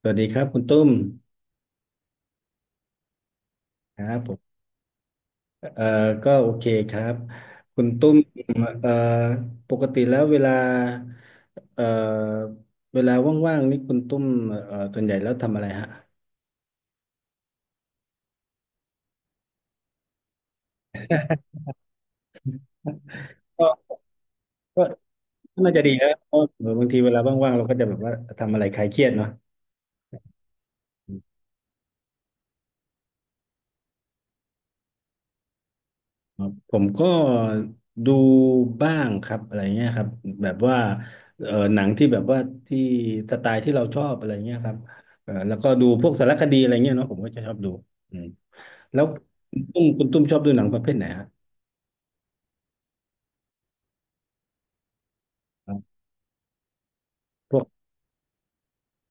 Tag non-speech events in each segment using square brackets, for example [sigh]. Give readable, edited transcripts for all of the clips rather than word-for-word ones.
สวัสดีครับคุณตุ้มครับผมเอ่อก็โอเคครับคุณตุ้มเอ่อปกติแล้วเวลาเอ่อเวลาว่างๆนี่คุณตุ้มส่วนใหญ่แล้วทำอะไรฮะก็ก็น่าจะดีนะเพราะบางทีเวลาว่างๆเราก็จะแบบว่าทำอะไรคลายเครียดเนาะครับผมก็ดูบ้างครับอะไรเงี้ยครับแบบว่าหนังที่แบบว่าที่สไตล์ที่เราชอบอะไรเงี้ยครับแล้วก็ดูพวกสารคดีอะไรเงี้ยเนาะผมก็จะชอบดู แล้วคุณตุ้มชอบดูหนังประเภทไหนฮะพวก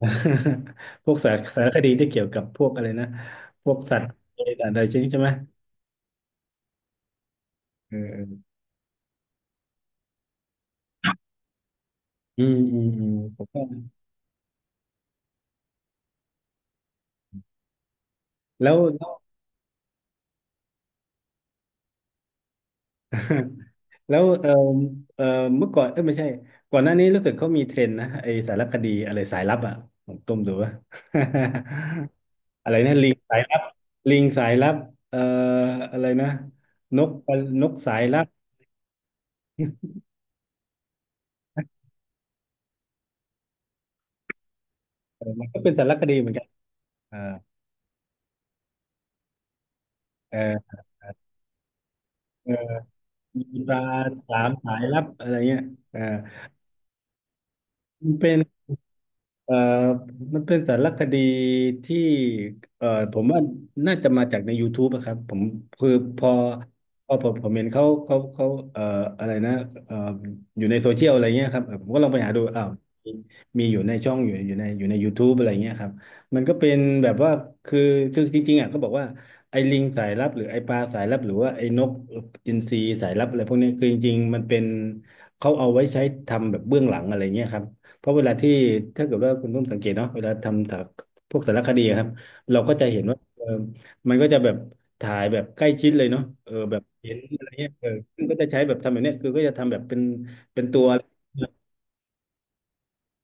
[laughs] พวกสารสารคดีที่เกี่ยวกับพวกอะไรนะพวกสัตว์อะไรต่างๆใช่ไหมเออเออผมก็แล้วแล้วแล้วเออเออเมื่อก่อนเออไม่ใช่ก่อนหน้านี้รู้สึกเขามีเทรนด์นะไอสารคดีอะไรสายลับอ่ะผมต้มดูว่า [laughs] อะไรนะลิงสายลับลิงสายลับเอ่ออะไรนะนกนกสายลับเออมันก็เป็นสารคดีเหมือนกันเออเออ มีปลาสามสายลับอะไรเงี้ยอ่ามันเป็น เอ่อมันเป็นสารคดีที่ผมว่าน่าจะมาจากใน YouTube นะครับผมคือพอพอผมเห็นเขาเอ่ออะไรนะเอ่ออยู่ในโซเชียลอะไรเงี้ยครับผมก็ลองไปหาดูอ้าวมีมีอยู่ในช่องอยู่ใน YouTube อะไรเงี้ยครับมันก็เป็นแบบว่าคือคือจริงๆอ่ะก็บอกว่าไอ้ลิงสายลับหรือไอ้ปลาสายลับหรือว่าไอ้นกอินทรีสายลับอะไรพวกเนี้ยคือจริงๆมันเป็นเขาเอาไว้ใช้ทำแบบเบื้องหลังอะไรเงี้ยครับ เพราะเวลาที่ถ้าเกิดว่าคุณนุ่มสังเกตเนาะเวลาทำสารพวกสารคดีอะครับเราก็จะเห็นว่าเออมันก็จะแบบถ่ายแบบใกล้ชิดเลยเนาะเออแบบเห็นอะไรเงี้ยเออซึ่งก็จะใช้แบบทำแบบเนี้ยคือก็จะทำแบบเป็นเป็นตัว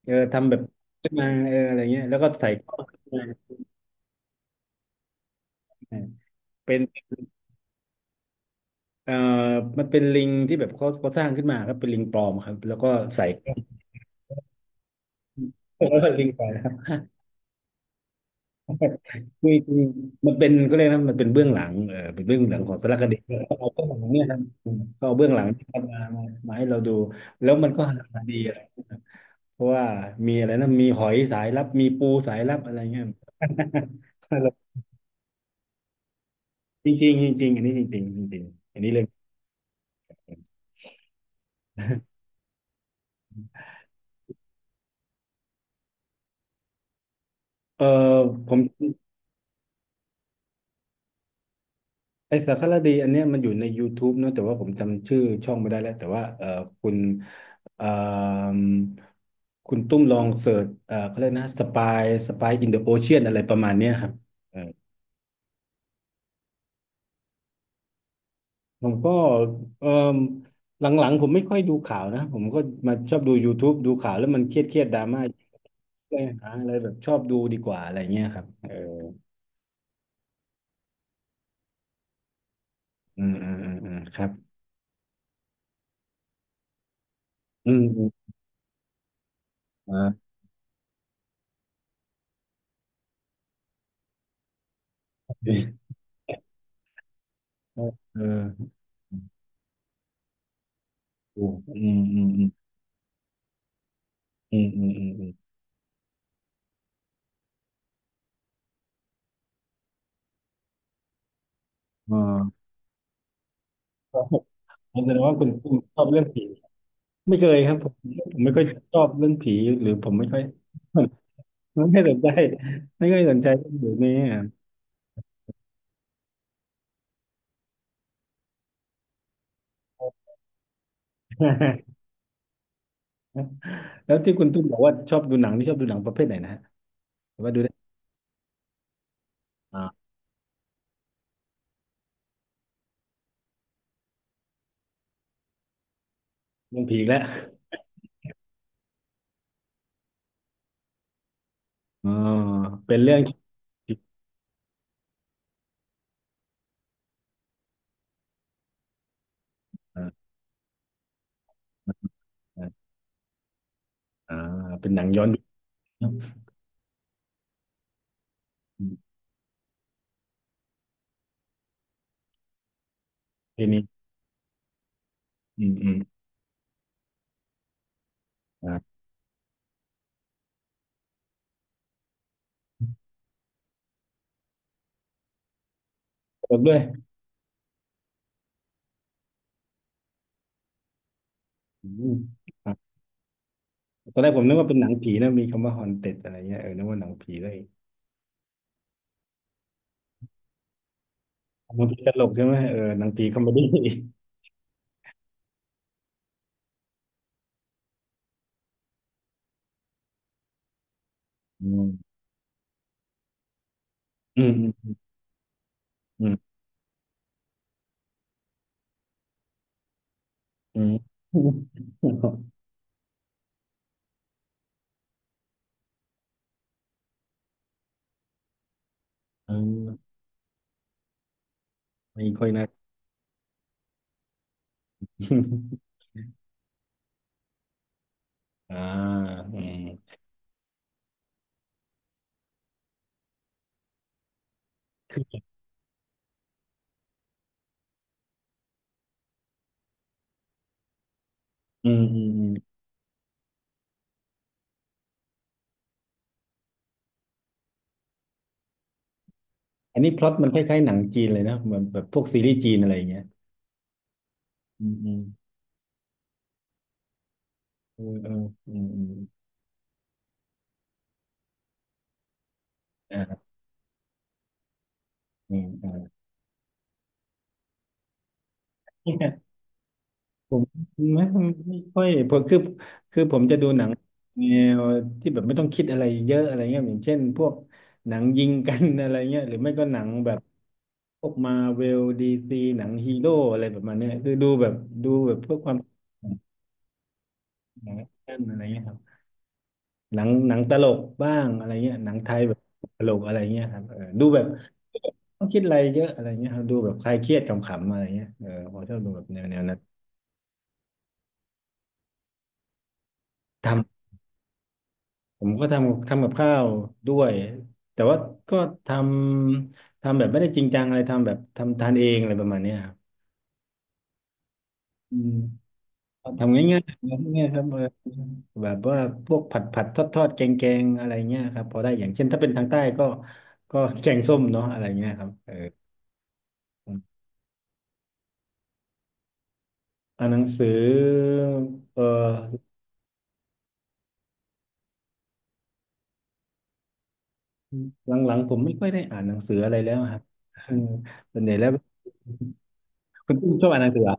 เออทำแบบขึ้นมาเอออะไรเงี้ยแล้วก็ใส่กล้องขึ้นมาเป็นเอ่อมันเป็นลิงที่แบบเขาสร้างขึ้นมาครับเป็นลิงปลอมครับแล้วก็ใส่กล้อง [laughs] แล้วก็ลิงไปนะครับ คืคือมันเป็นก็เขาเรียกนะมันเป็นเบื้องหลังเออเป็นเบื้องหลังของสารคดีเขาเอาเบื้องหลังเนี่ยนะเขาเอาเบื้องหลังมามามาให้เราดูแล้วมันก็หาดีอะไรเพราะว่ามีอะไรนะมีหอยสายลับมีปูสายลับอะไรเงี้ย [laughs] จริงจริงจริงๆอันนี้จริงๆจริงๆอันนี้เรื่องเออผม ไอสารคดีอันเนี้ยมันอยู่ใน YouTube เนอะแต่ว่าผมจำชื่อช่องไม่ได้แล้วแต่ว่าคุณเอ่มคุณตุ้มลองเสิร์ชเขาเรียกนะสปายสปายอินเดอะโอเชียนอะไรประมาณเนี้ยครับเออผมก็เอ่มหลังๆผมไม่ค่อยดูข่าวนะผมก็มาชอบดู YouTube ดูข่าวแล้วมันเครียดเครียดดราม่าเลยหาอะไรแบบชอบดูดีกว่าอะไรเงี้ยครับเออครับอืมอืมอ่าเออเอออืมอืมอืมอืมอืมอืมอืมอ๋อ ครับผมแสดงว่าคุณคุณชอบเรื่องผีไม่เคยครับผมผมไม่ค่อยชอบเรื่องผีหรือผมไม่ค่อย [laughs] ไม่ค่อยสนใจไม่ค่อยสนใจเรื่องแบบนี้อะ [laughs] แล้วที่คุณตุ้มบอกว่าชอบดูหนังที่ชอบดูหนังประเภทไหนนะฮะหรือว่าดูได้อ่าเรื่องผีอีกแล้วอ๋อเป็นเรื่องผีอ่าอ่าอ่าเป็นหนังย้อนยุคเนอะอืมทีนี้อืมอืมอ่าจบด้วยอืมครับตอนแรกผมนึกว่าเป็นหนังผีนะมีคำว่าฮอนเต็ดอะไรเงี้ยเออนึกว่าหนังผีเลยหนังผีตลกใช่ไหมเออหนังผีคอมเมดี้ อืมอืมอืมอืมอืมเอมไม่ค่อยน่าอ่าอืมอืมอืมอืมอันนี้พล็อตมันคล้ายๆหนังจีนเลยนะเหมือนแบบพวกซีรีส์จีนอะไรอย่างเงี้ยอืมอืมเออเอออืมอืมอ่าอ่าเนี่ยผมไม่ไม่ค่อยผมคือคือผมจะดูหนังแนวที่แบบไม่ต้องคิดอะไรเยอะอะไรเงี้ยอย่างเช่นพวกหนังยิงกันอะไรเงี้ยหรือไม่ก็หนังแบบ พวกมาเวลดีซีหนังฮีโร่อะไรประมาณเนี้ยคือดูแบบเพื่อความหนังแอคชั่นอะไรเงี้ยครับหนังตลกบ้างอะไรเงี้ยหนังไทยแบบตลกอะไรเงี้ยครับเออดูแบบต้องคิดอะไรเยอะอะไรเงี้ยครับดูแบบคลายเครียดขำๆอะไรเงี้ยเออผมชอบดูแบบแนวนั้นทำผมก็ทำกับข้าวด้วยแต่ว่าก็ททำแบบไม่ได้จริงจังอะไรทำแบบทำทานเองอะไรประมาณเนี้ยครับอืม ทำง่ายๆง่ายๆครับเออแบบว่าพวกผัดทอดแกงแกงๆอะไรเงี้ยครับพอได้อย่างเช่นถ้าเป็นทางใต้ก็แกงส้มเนาะอะไรเงี้ยครับเอออ่านหนังสือเออหลังๆผมไม่ค่อยได้อ่านหนังสืออะไรแล้วครับเออส่วนใหญ่แล้วคุณตุ้มชอบอ่านหนังสือเหรอ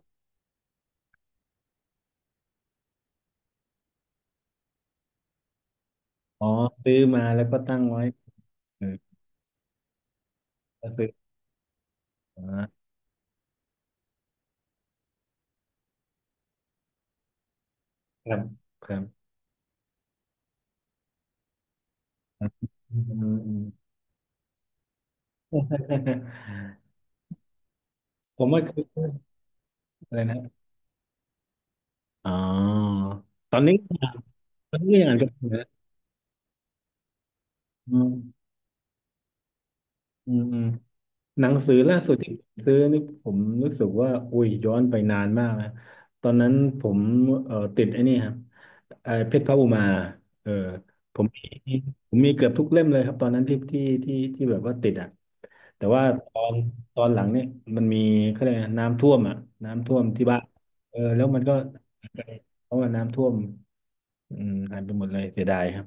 อ๋อซื้อมาแล้วก็ตั้งไว้เออก็ซื้อมาครับครับอืม [laughs] ผมว่าคืออะไรนะอ๋อตอนนี้ มันก็อย่างนั้นก็ได้นะอืมอืมอืมหนังสือล่าสุดที่ผมซื้อนี่ผมรู้สึกว่าอุ้ยย้อนไปนานมากนะตอนนั้นผมติดไอ้นี่ครับไอ้เพชรพระอุมาเออผมมีผมมีเกือบทุกเล่มเลยครับตอนนั้นที่แบบว่าติดอ่ะแต่ว่าตอนตอนหลังเนี่ยมันมีเขาเรียกอะไรน้ำท่วมอ่ะน้ำท่วมที่บ้านเออแล้วมันก็เพราะว่าน้ำท่วมอืมหายไปหมดเลยเสียดายครับ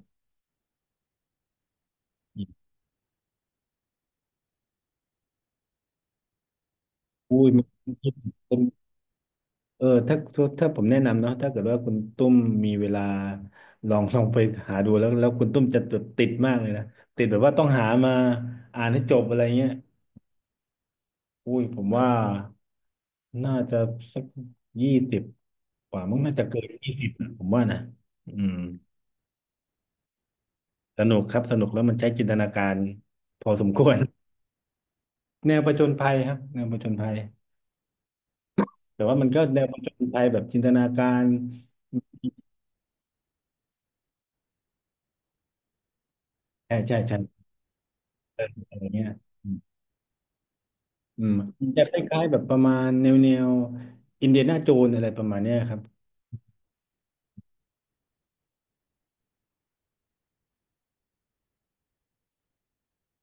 อุ้ยมัน เออถ้าผมแนะนำเนาะถ้าเกิดว่าคุณตุ้มมีเวลาลอง [laughs] ลองไปหาดูแล้วคุณตุ้มจะแบบติดมากเลยนะติดแบบว่าต้องหามาอ่านให้จบอะไรเงี้ยอุ้ยผมว่าน่าจะสักยี่สิบกว่ามั้งน่าจะเกินยี่สิบนะผมว่านะอืมสนุกครับสนุกแล้วมันใช้จินตนาการพอสมควร [laughs] แนวผจญภัยครับแนวผจญภัยแต่ว่ามันก็แนวผจญภัยแบบจินตนาการใช่ใช่ใช่อะไรเงี้ย อืมมันจะคล้ายๆแบบประมาณแนวอินเดียนาโจนอะไรประมาณเนี้ยครับ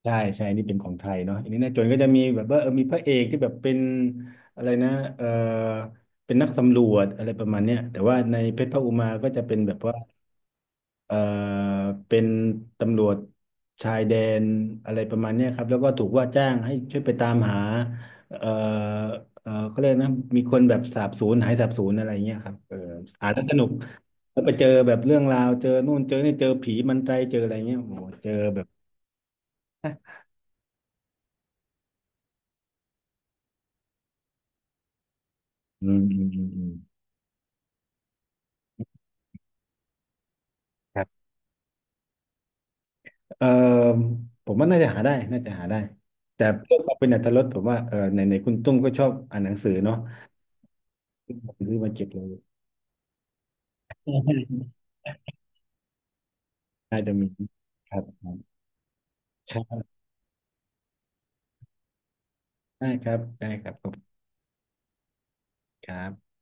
ใช่ใช่นี่เป็นของไทยเนาะอินเดียนาโจนก็จะมีแบบว่าเออมีพระเอกที่แบบเป็นอะไรนะเออเป็นนักสำรวจอะไรประมาณเนี้ยแต่ว่าในเพชรพระอุมาก็จะเป็นแบบว่าเออเป็นตำรวจชายแดนอะไรประมาณเนี้ยครับแล้วก็ถูกว่าจ้างให้ช่วยไปตามหาเออเออเขาเรียกนะมีคนแบบสาบสูญหายสาบสูญอะไรเงี้ยครับเอออ่านแล้วสนุก แล้วไปเจอแบบเรื่องราวเจอนู่นเจอนี่เจอผีมันไตรเจออะไรเงี้ยโอ้โหเจอแบบอืมอืมอืมอืมครับเออผมว่าน่าจะหาได้น่าจะหาได้แต่เพื่อความเป็นอรรถรสผมว่าเออไหนไหนคุณตุ้มก็ชอบอ่านหนังสือเนาะซื้อมาเก็บเลย [laughs] น่าจะมีครับครับใช่ได้ครับได้ครับขอบคุณครับ